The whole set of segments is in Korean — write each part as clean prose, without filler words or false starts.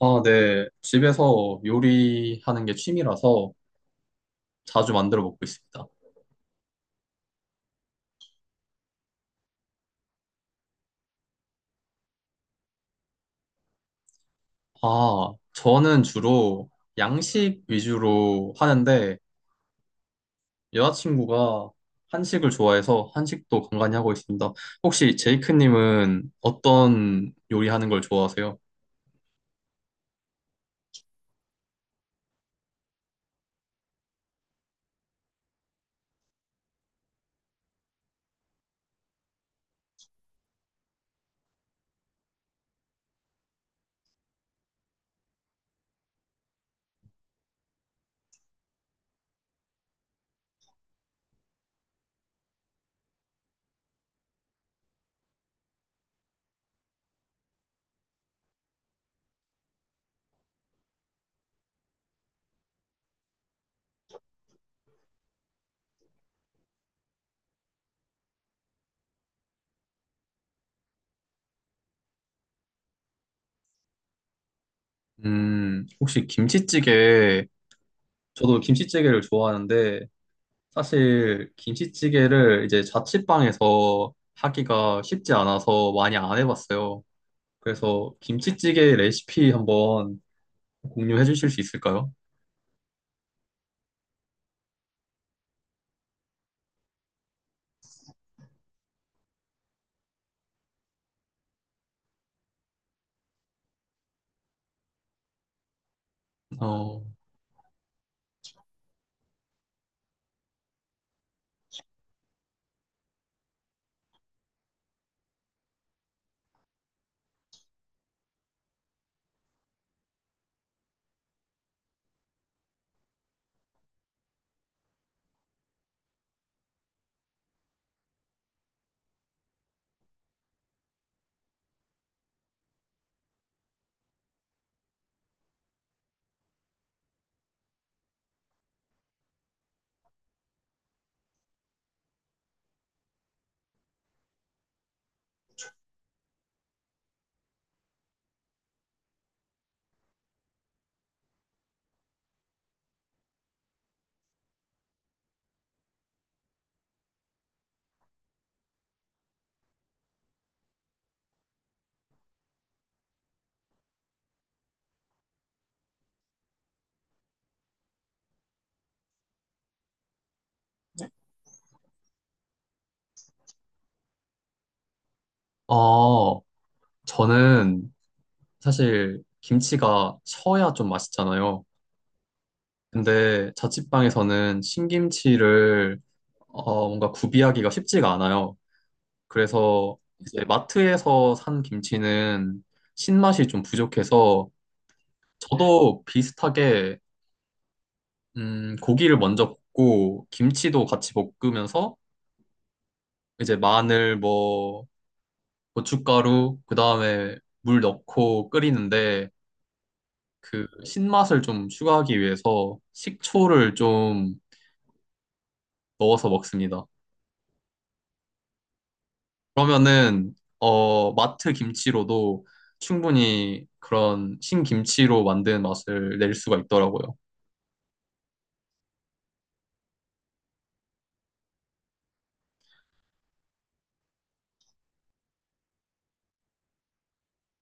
아, 네. 집에서 요리하는 게 취미라서 자주 만들어 먹고 있습니다. 아, 저는 주로 양식 위주로 하는데 여자친구가 한식을 좋아해서 한식도 간간히 하고 있습니다. 혹시 제이크님은 어떤 요리하는 걸 좋아하세요? 혹시 김치찌개, 저도 김치찌개를 좋아하는데 사실 김치찌개를 이제 자취방에서 하기가 쉽지 않아서 많이 안 해봤어요. 그래서 김치찌개 레시피 한번 공유해 주실 수 있을까요? 어, 아, 저는 사실 김치가 셔야 좀 맛있잖아요. 근데 자취방에서는 신김치를 뭔가 구비하기가 쉽지가 않아요. 그래서 이제 마트에서 산 김치는 신맛이 좀 부족해서 저도 비슷하게 고기를 먼저 볶고 김치도 같이 볶으면서 이제 마늘 뭐 고춧가루, 그 다음에 물 넣고 끓이는데 그 신맛을 좀 추가하기 위해서 식초를 좀 넣어서 먹습니다. 그러면은 마트 김치로도 충분히 그런 신김치로 만든 맛을 낼 수가 있더라고요.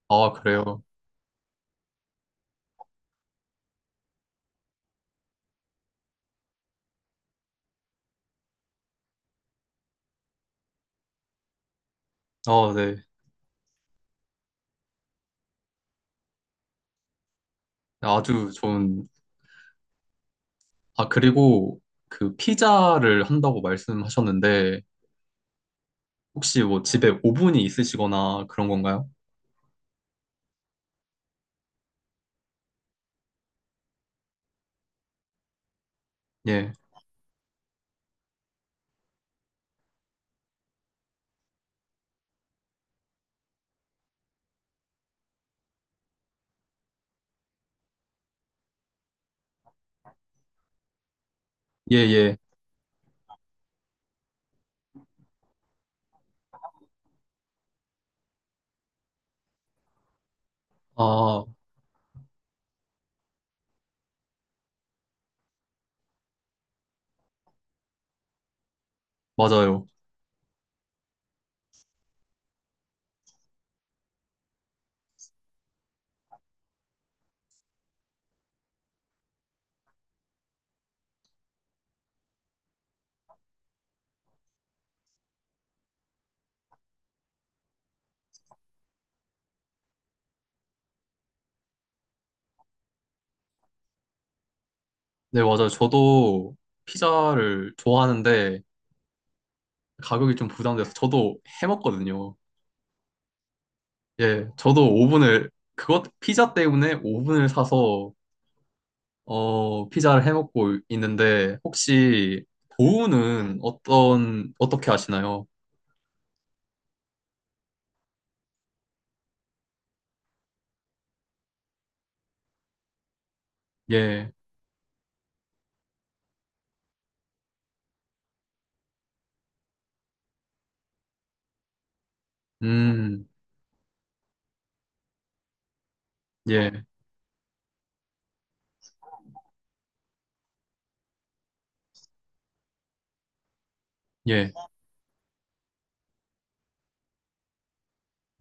아, 그래요? 아, 네. 아주 좋은. 아, 그리고 그 피자를 한다고 말씀하셨는데 혹시 뭐 집에 오븐이 있으시거나 그런 건가요? 예. 예, 예. 아, 맞아요. 네, 맞아요. 저도 피자를 좋아하는데 가격이 좀 부담돼서 저도 해 먹거든요. 예, 저도 오븐을 그것 피자 때문에 오븐을 사서 피자를 해 먹고 있는데 혹시 보우는 어떤 어떻게 하시나요? 예, 음, 예, 예,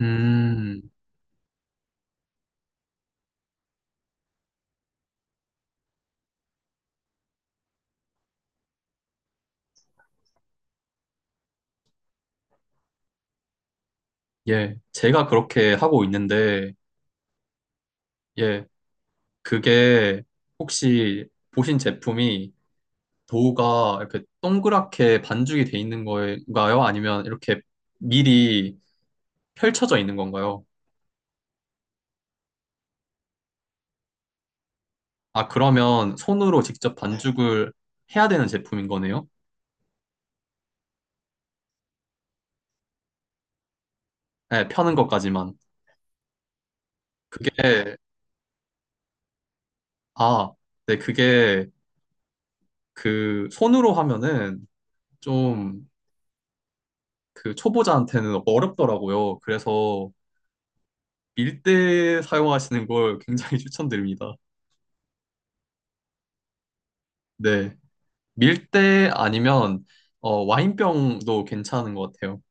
음, 예. 제가 그렇게 하고 있는데 예, 그게 혹시 보신 제품이 도우가 이렇게 동그랗게 반죽이 돼 있는 건가요? 아니면 이렇게 미리 펼쳐져 있는 건가요? 아, 그러면 손으로 직접 네. 반죽을 해야 되는 제품인 거네요? 네, 펴는 것까지만. 그게, 아, 네, 그게 그 손으로 하면은 좀 그 초보자한테는 어렵더라고요. 그래서 밀대 사용하시는 걸 굉장히 추천드립니다. 네. 밀대 아니면 와인병도 괜찮은 것 같아요.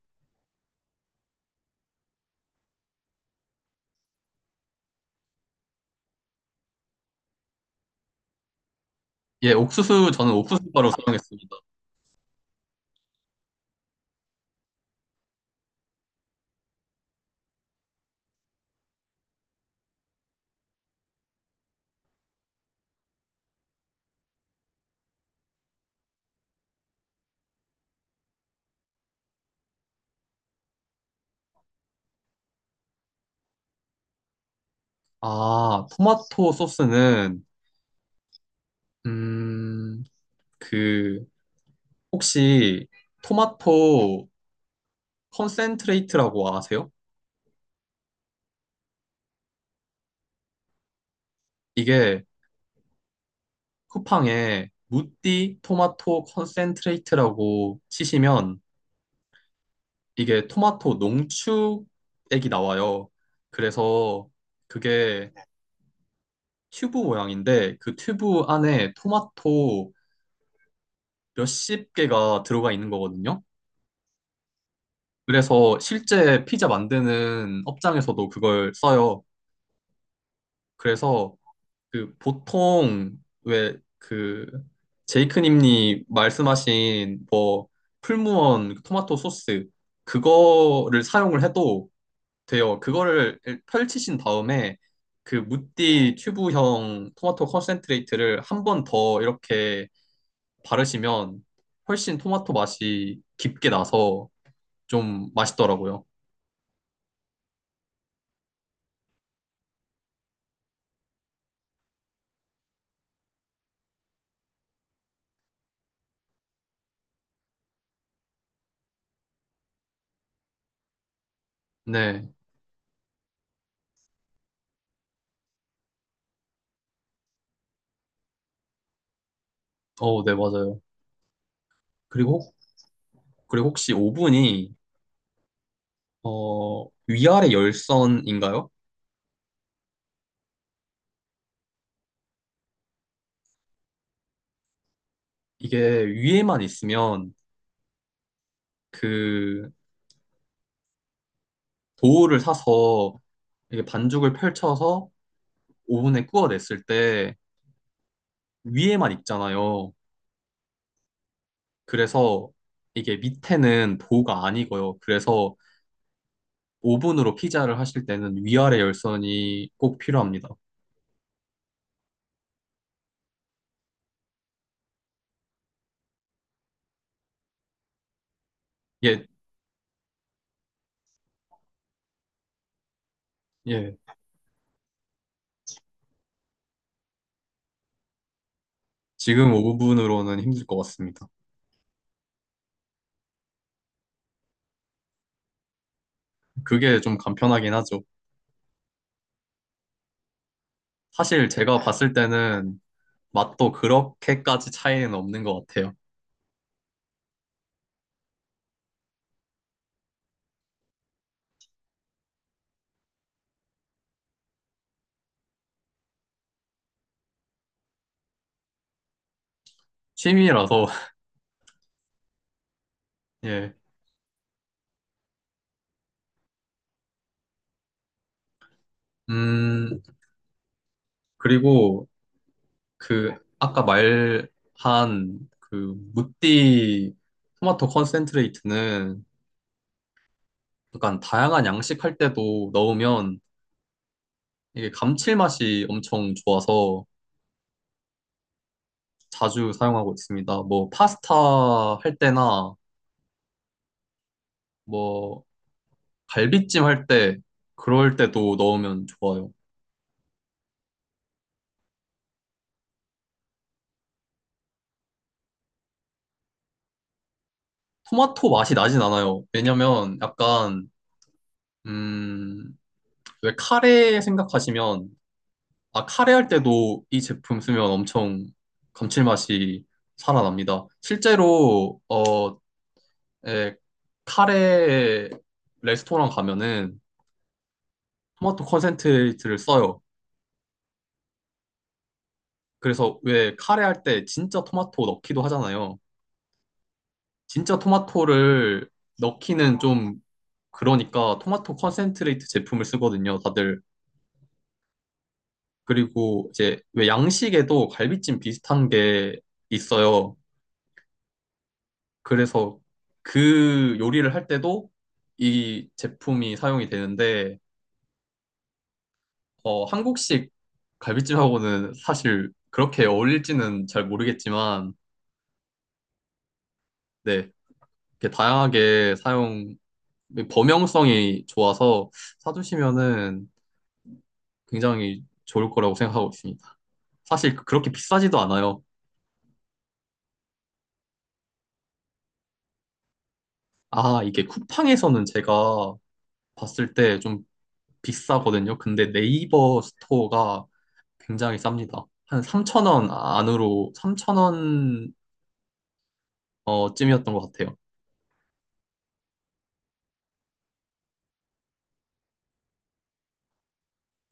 예, 옥수수, 저는 옥수수 바로 사용했습니다. 아, 토마토 소스는, 음, 그, 혹시 토마토 컨센트레이트라고 아세요? 이게 쿠팡에 무띠 토마토 컨센트레이트라고 치시면 이게 토마토 농축액이 나와요. 그래서 그게 튜브 모양인데 그 튜브 안에 토마토 몇십 개가 들어가 있는 거거든요. 그래서 실제 피자 만드는 업장에서도 그걸 써요. 그래서 그 보통 왜 그 제이크님이 말씀하신 뭐 풀무원 그 토마토 소스 그거를 사용을 해도 돼요. 그거를 펼치신 다음에 그 무띠 튜브형 토마토 컨센트레이트를 한 번 더 이렇게 바르시면 훨씬 토마토 맛이 깊게 나서 좀 맛있더라고요. 네. 어, 네, 맞아요. 그리고, 그리고 혹시 오븐이, 어, 위아래 열선인가요? 이게 위에만 있으면 그 도우를 사서 이게 반죽을 펼쳐서 오븐에 구워냈을 때 위에만 있잖아요. 그래서 이게 밑에는 도우가 아니고요. 그래서 오븐으로 피자를 하실 때는 위아래 열선이 꼭 필요합니다. 예, 예. 지금 오븐으로는 힘들 것 같습니다. 그게 좀 간편하긴 하죠. 사실 제가 봤을 때는 맛도 그렇게까지 차이는 없는 것 같아요. 취미라서, 예. 음, 그리고 그, 아까 말한 그, 무띠 토마토 컨센트레이트는 약간 다양한 양식할 때도 넣으면 이게 감칠맛이 엄청 좋아서 자주 사용하고 있습니다. 뭐, 파스타 할 때나 뭐, 갈비찜 할 때, 그럴 때도 넣으면 좋아요. 토마토 맛이 나진 않아요. 왜냐면 약간 음, 왜 카레 생각하시면, 아, 카레 할 때도 이 제품 쓰면 엄청 감칠맛이 살아납니다. 실제로, 어, 예, 카레 레스토랑 가면은 토마토 컨센트레이트를 써요. 그래서 왜 카레 할 때 진짜 토마토 넣기도 하잖아요. 진짜 토마토를 넣기는 좀 그러니까 토마토 컨센트레이트 제품을 쓰거든요, 다들. 그리고 이제 왜 양식에도 갈비찜 비슷한 게 있어요. 그래서 그 요리를 할 때도 이 제품이 사용이 되는데, 어, 한국식 갈비찜하고는 사실 그렇게 어울릴지는 잘 모르겠지만, 네, 이렇게 다양하게 사용, 범용성이 좋아서 사두시면은 굉장히 좋을 거라고 생각하고 있습니다. 사실 그렇게 비싸지도 않아요. 아, 이게 쿠팡에서는 제가 봤을 때 좀 비싸거든요. 근데 네이버 스토어가 굉장히 쌉니다. 한 3,000원 안으로, 3,000원 쯤이었던 것 같아요.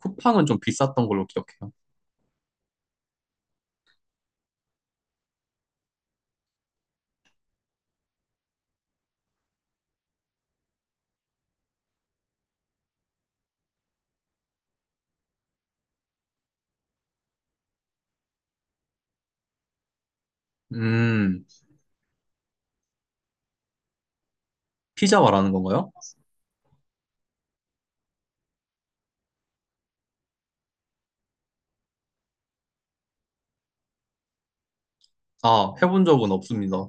쿠팡은 좀 비쌌던 걸로 기억해요. 음, 피자 말하는 건가요? 아, 해본 적은 없습니다.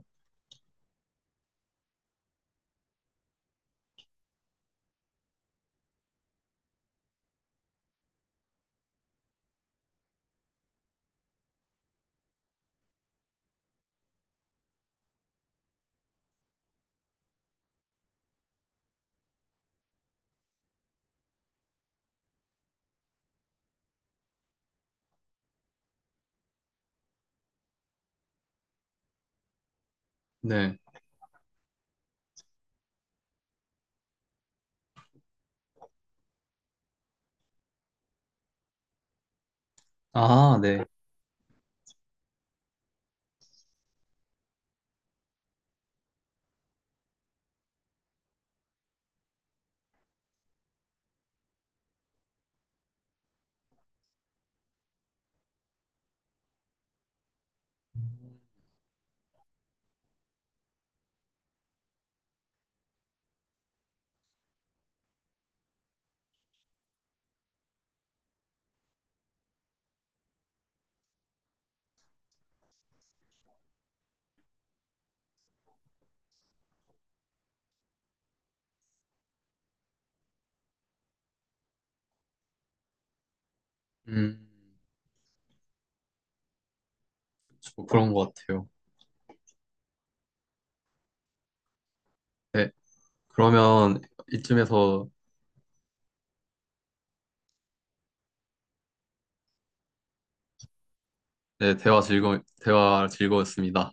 네. 아, 네. 음, 저 그런 것 같아요. 네. 그러면 이쯤에서 네, 대화 즐거웠습니다.